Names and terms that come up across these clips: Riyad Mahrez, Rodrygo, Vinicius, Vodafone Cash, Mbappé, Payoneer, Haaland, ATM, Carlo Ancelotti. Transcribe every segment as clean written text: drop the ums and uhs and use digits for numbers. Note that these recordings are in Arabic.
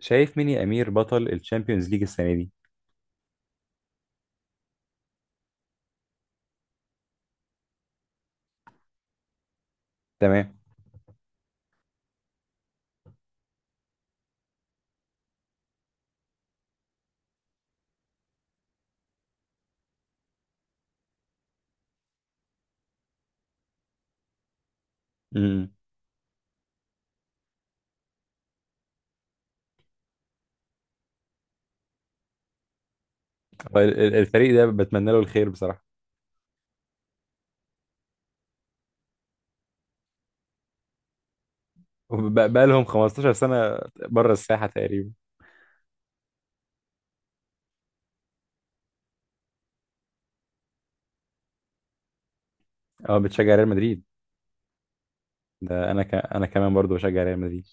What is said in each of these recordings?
شايف مين يا امير بطل الشامبيونز ليج السنه دي؟ تمام. امم. هو الفريق ده بتمنى له الخير بصراحه. بقى لهم 15 سنه بره الساحه تقريبا. اه، بتشجع ريال مدريد. ده انا كمان برضو بشجع ريال مدريد.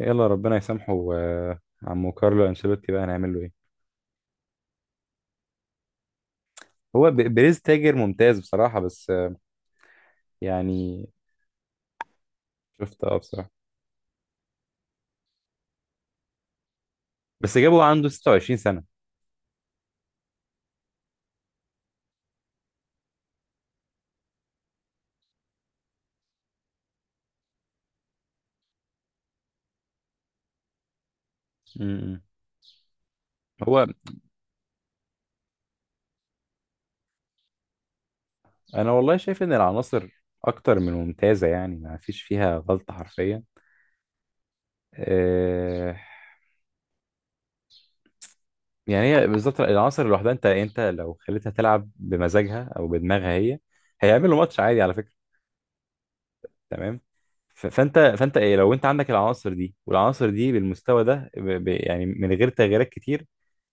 يلا ربنا يسامحه. عمو كارلو انشيلوتي بقى هنعمل له ايه؟ هو بريز تاجر ممتاز بصراحه، بس يعني. شفت، اه، بصراحه. بس جابه عنده 26 سنه. امم. هو. انا والله شايف ان العناصر اكتر من ممتازه، يعني ما فيش فيها غلطه حرفيا. آه، يعني هي بالظبط العناصر لوحدها، انت لو خليتها تلعب بمزاجها او بدماغها، هي هيعملوا ماتش عادي على فكره. تمام. فانت ايه لو انت عندك العناصر دي والعناصر دي بالمستوى ده، ب ب يعني من غير تغييرات كتير،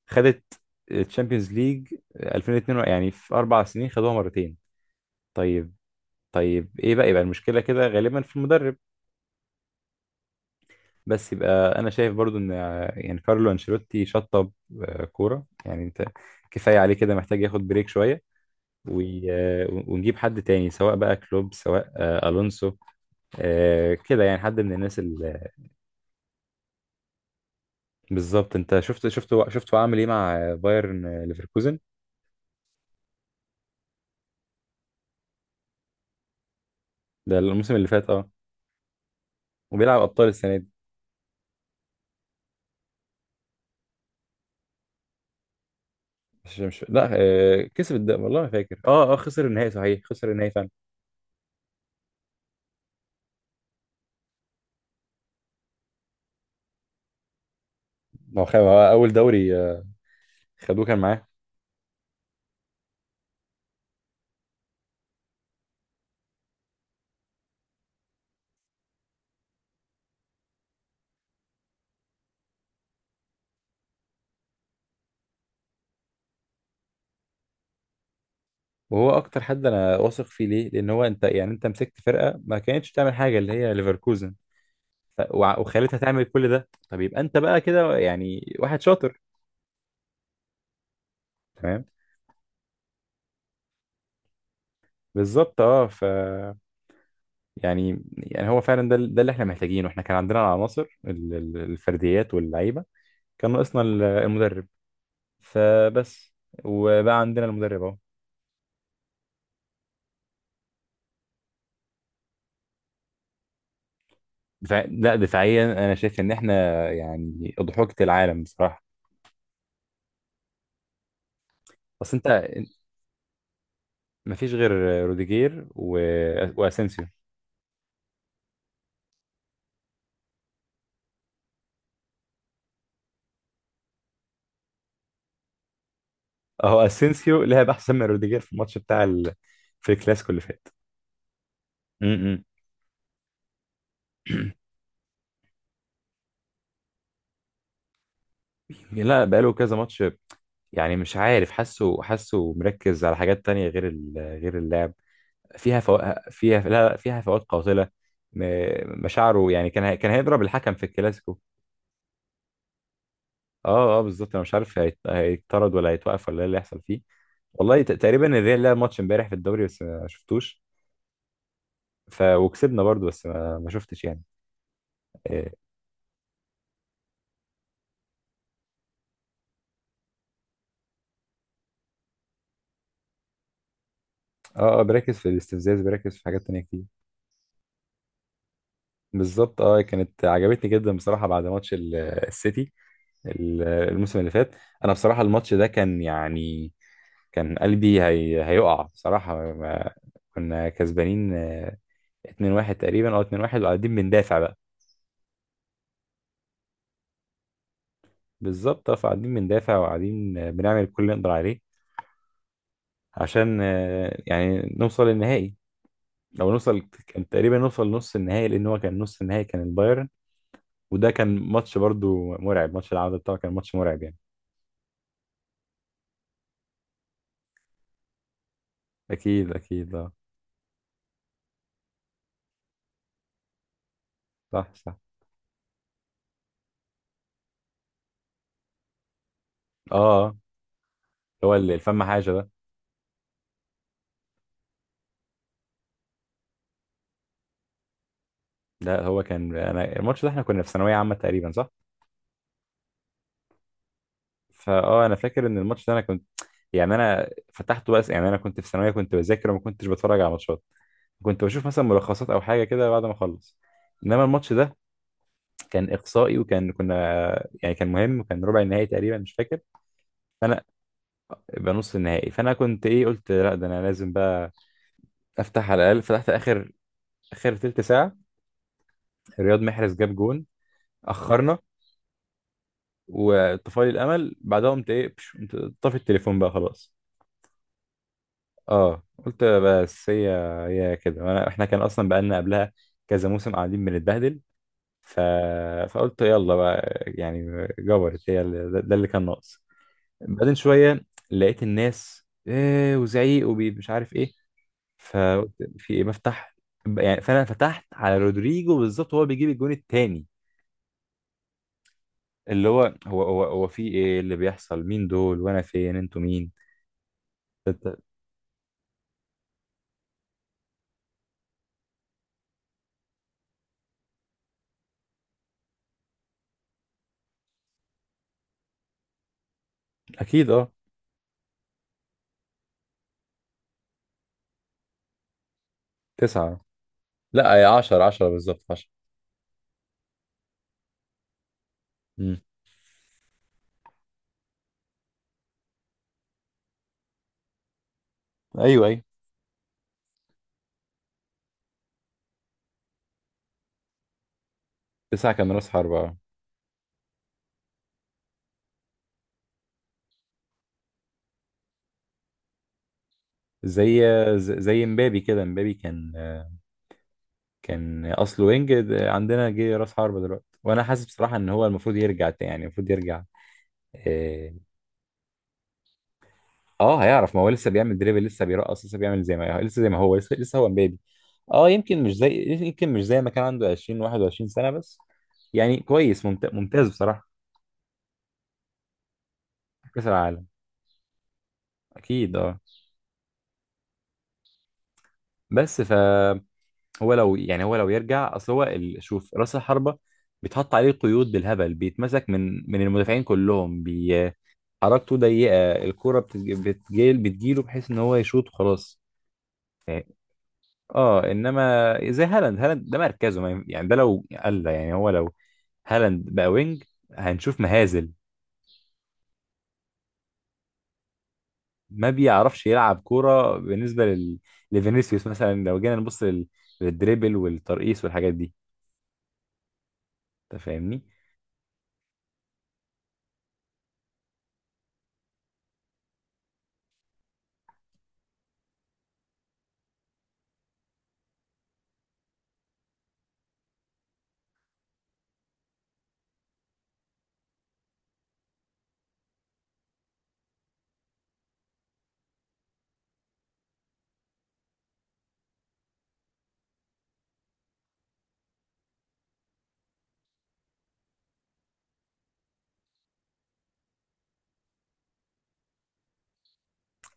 خدت الشامبيونز ليج 2002، يعني في 4 سنين خدوها مرتين. طيب. طيب، ايه بقى؟ يبقى المشكله كده غالبا في المدرب. بس يبقى انا شايف برضو ان يعني كارلو انشيلوتي شطب كوره، يعني انت كفايه عليه كده، محتاج ياخد بريك شويه. وي- ونجيب حد تاني، سواء بقى كلوب، سواء الونسو، كده، يعني حد من الناس اللي... بالظبط، انت شفت هو عامل ايه مع بايرن ليفركوزن؟ ده الموسم اللي فات، اه. وبيلعب ابطال السنه دي. مش، لا، والله ما فاكر. اه، اه، خسر النهائي، صحيح خسر النهائي فعلا. ما هو هو اول دوري، خدوه كان معاه. وهو اكتر حد انا واثق فيه، ليه؟ لان هو انت يعني انت مسكت فرقه ما كانتش تعمل حاجه، اللي هي ليفركوزن، وخليتها تعمل كل ده. طب يبقى انت بقى كده يعني واحد شاطر. فاهم؟ بالظبط، اه. يعني هو فعلا ده اللي احنا محتاجينه. احنا كان عندنا العناصر، الفرديات واللعيبه، كان ناقصنا المدرب. فبس. وبقى عندنا المدرب اهو. لا، دفاعيا انا شايف ان احنا يعني اضحوكة العالم بصراحه. اصل انت مفيش غير روديجير واسينسيو. اهو اسينسيو لعب احسن من روديجير في الماتش بتاع في الكلاسيكو اللي فات. م-م. لا، بقاله كذا ماتش. يعني مش عارف، حاسه مركز على حاجات تانية، غير غير اللعب فيها فيها، لا، لا، فيها فوات قاتلة. مشاعره، يعني كان كان هيضرب الحكم في الكلاسيكو. اه، اه، بالظبط. انا مش عارف، هيطرد ولا هيتوقف، ولا ايه اللي هيحصل فيه؟ والله، تقريبا الريال لعب ماتش امبارح في الدوري، بس ما شفتوش. وكسبنا برضو، بس ما شفتش يعني. اه، اه، بركز في الاستفزاز، بركز في حاجات تانية كتير. بالظبط، اه، كانت عجبتني جدا بصراحة بعد ماتش السيتي، الموسم اللي فات. انا بصراحه الماتش ده كان يعني، كان قلبي هيقع بصراحه ما... كنا كسبانين 2-1 تقريبا او 2-1، وقاعدين بندافع بقى. بالظبط، اه، فقاعدين بندافع وقاعدين بنعمل كل اللي نقدر عليه عشان يعني نوصل للنهائي، لو نوصل. كان تقريبا نوصل نص النهائي، لان هو كان نص النهائي كان البايرن. وده كان ماتش برضو مرعب، ماتش العودة بتاعه كان ماتش مرعب يعني. اكيد، اكيد، اه. صح، صح، اه، هو اللي الفم حاجة ده. لا هو كان، انا الماتش ده احنا كنا في ثانويه عامه تقريبا، صح. فاه، انا فاكر ان الماتش ده انا كنت، يعني انا فتحته. بس يعني انا كنت في ثانويه، كنت بذاكر وما كنتش بتفرج على ماتشات، كنت بشوف مثلا ملخصات او حاجه كده بعد ما اخلص. انما الماتش ده كان اقصائي، وكان كنا يعني كان مهم، وكان ربع النهائي تقريبا، مش فاكر. فانا يبقى نص النهائي، فانا كنت ايه، قلت لا، ده انا لازم بقى افتح على الاقل. فتحت اخر تلت ساعه. رياض محرز جاب جون. اخرنا. وطفالي الامل. بعدها قمت ايه، قمت طافي التليفون بقى، خلاص. اه، قلت بس هي كده. وانا احنا كان اصلا بقالنا قبلها كذا موسم قاعدين بنتبهدل، ف... فقلت يلا بقى، يعني جبرت هي ده اللي كان ناقص. بعدين شويه لقيت الناس ايه وزعيق ومش عارف ايه، فقلت في ايه، بفتح. يعني فانا فتحت على رودريجو بالظبط وهو بيجيب الجون التاني، اللي هو هو في ايه اللي بيحصل؟ مين دول؟ وانا فين؟ انتوا مين؟ اكيد، اه. تسعه. لا، 10، 10 بالظبط، 10. مم. ايوه، ايوه. تسعة كان راس حربة. زي زي مبابي كده، مبابي كان كان اصله وينج، ده عندنا جه راس حربة دلوقتي، وانا حاسس بصراحة ان هو المفروض يرجع تاني، يعني المفروض يرجع. اه. هيعرف. ما هو لسه بيعمل دريبل، لسه بيرقص، لسه بيعمل زي ما لسه، زي ما هو لسه هو مبابي. اه، يمكن مش زي ما كان عنده 20 21 سنة بس. يعني كويس، ممتاز بصراحة. كأس العالم، اكيد، اه. بس. هو لو يعني، هو لو يرجع. اصل هو شوف راس الحربه، بيتحط عليه قيود بالهبل، بيتمسك من المدافعين كلهم، حركته ضيقه، الكوره بتجيله بحيث ان هو يشوط وخلاص. يعني اه، انما زي هالاند ده مركزه ما يعني، ده لو قال، يعني هو لو هالاند بقى وينج هنشوف مهازل. ما بيعرفش يلعب كوره بالنسبه لفينيسيوس مثلا، لو جينا نبص للدريبل والترقيص والحاجات دي. انت فاهمني.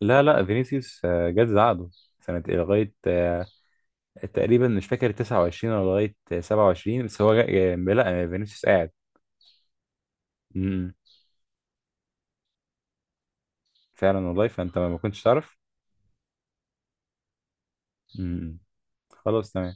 لا، لا، فينيسيوس جت عقده سنة إيه؟ لغاية تقريبا مش فاكر 29 ولا لغاية 27، بس هو لا، فينيسيوس قاعد. م- م. فعلا والله. فأنت ما كنتش تعرف. م- م. خلاص، تمام.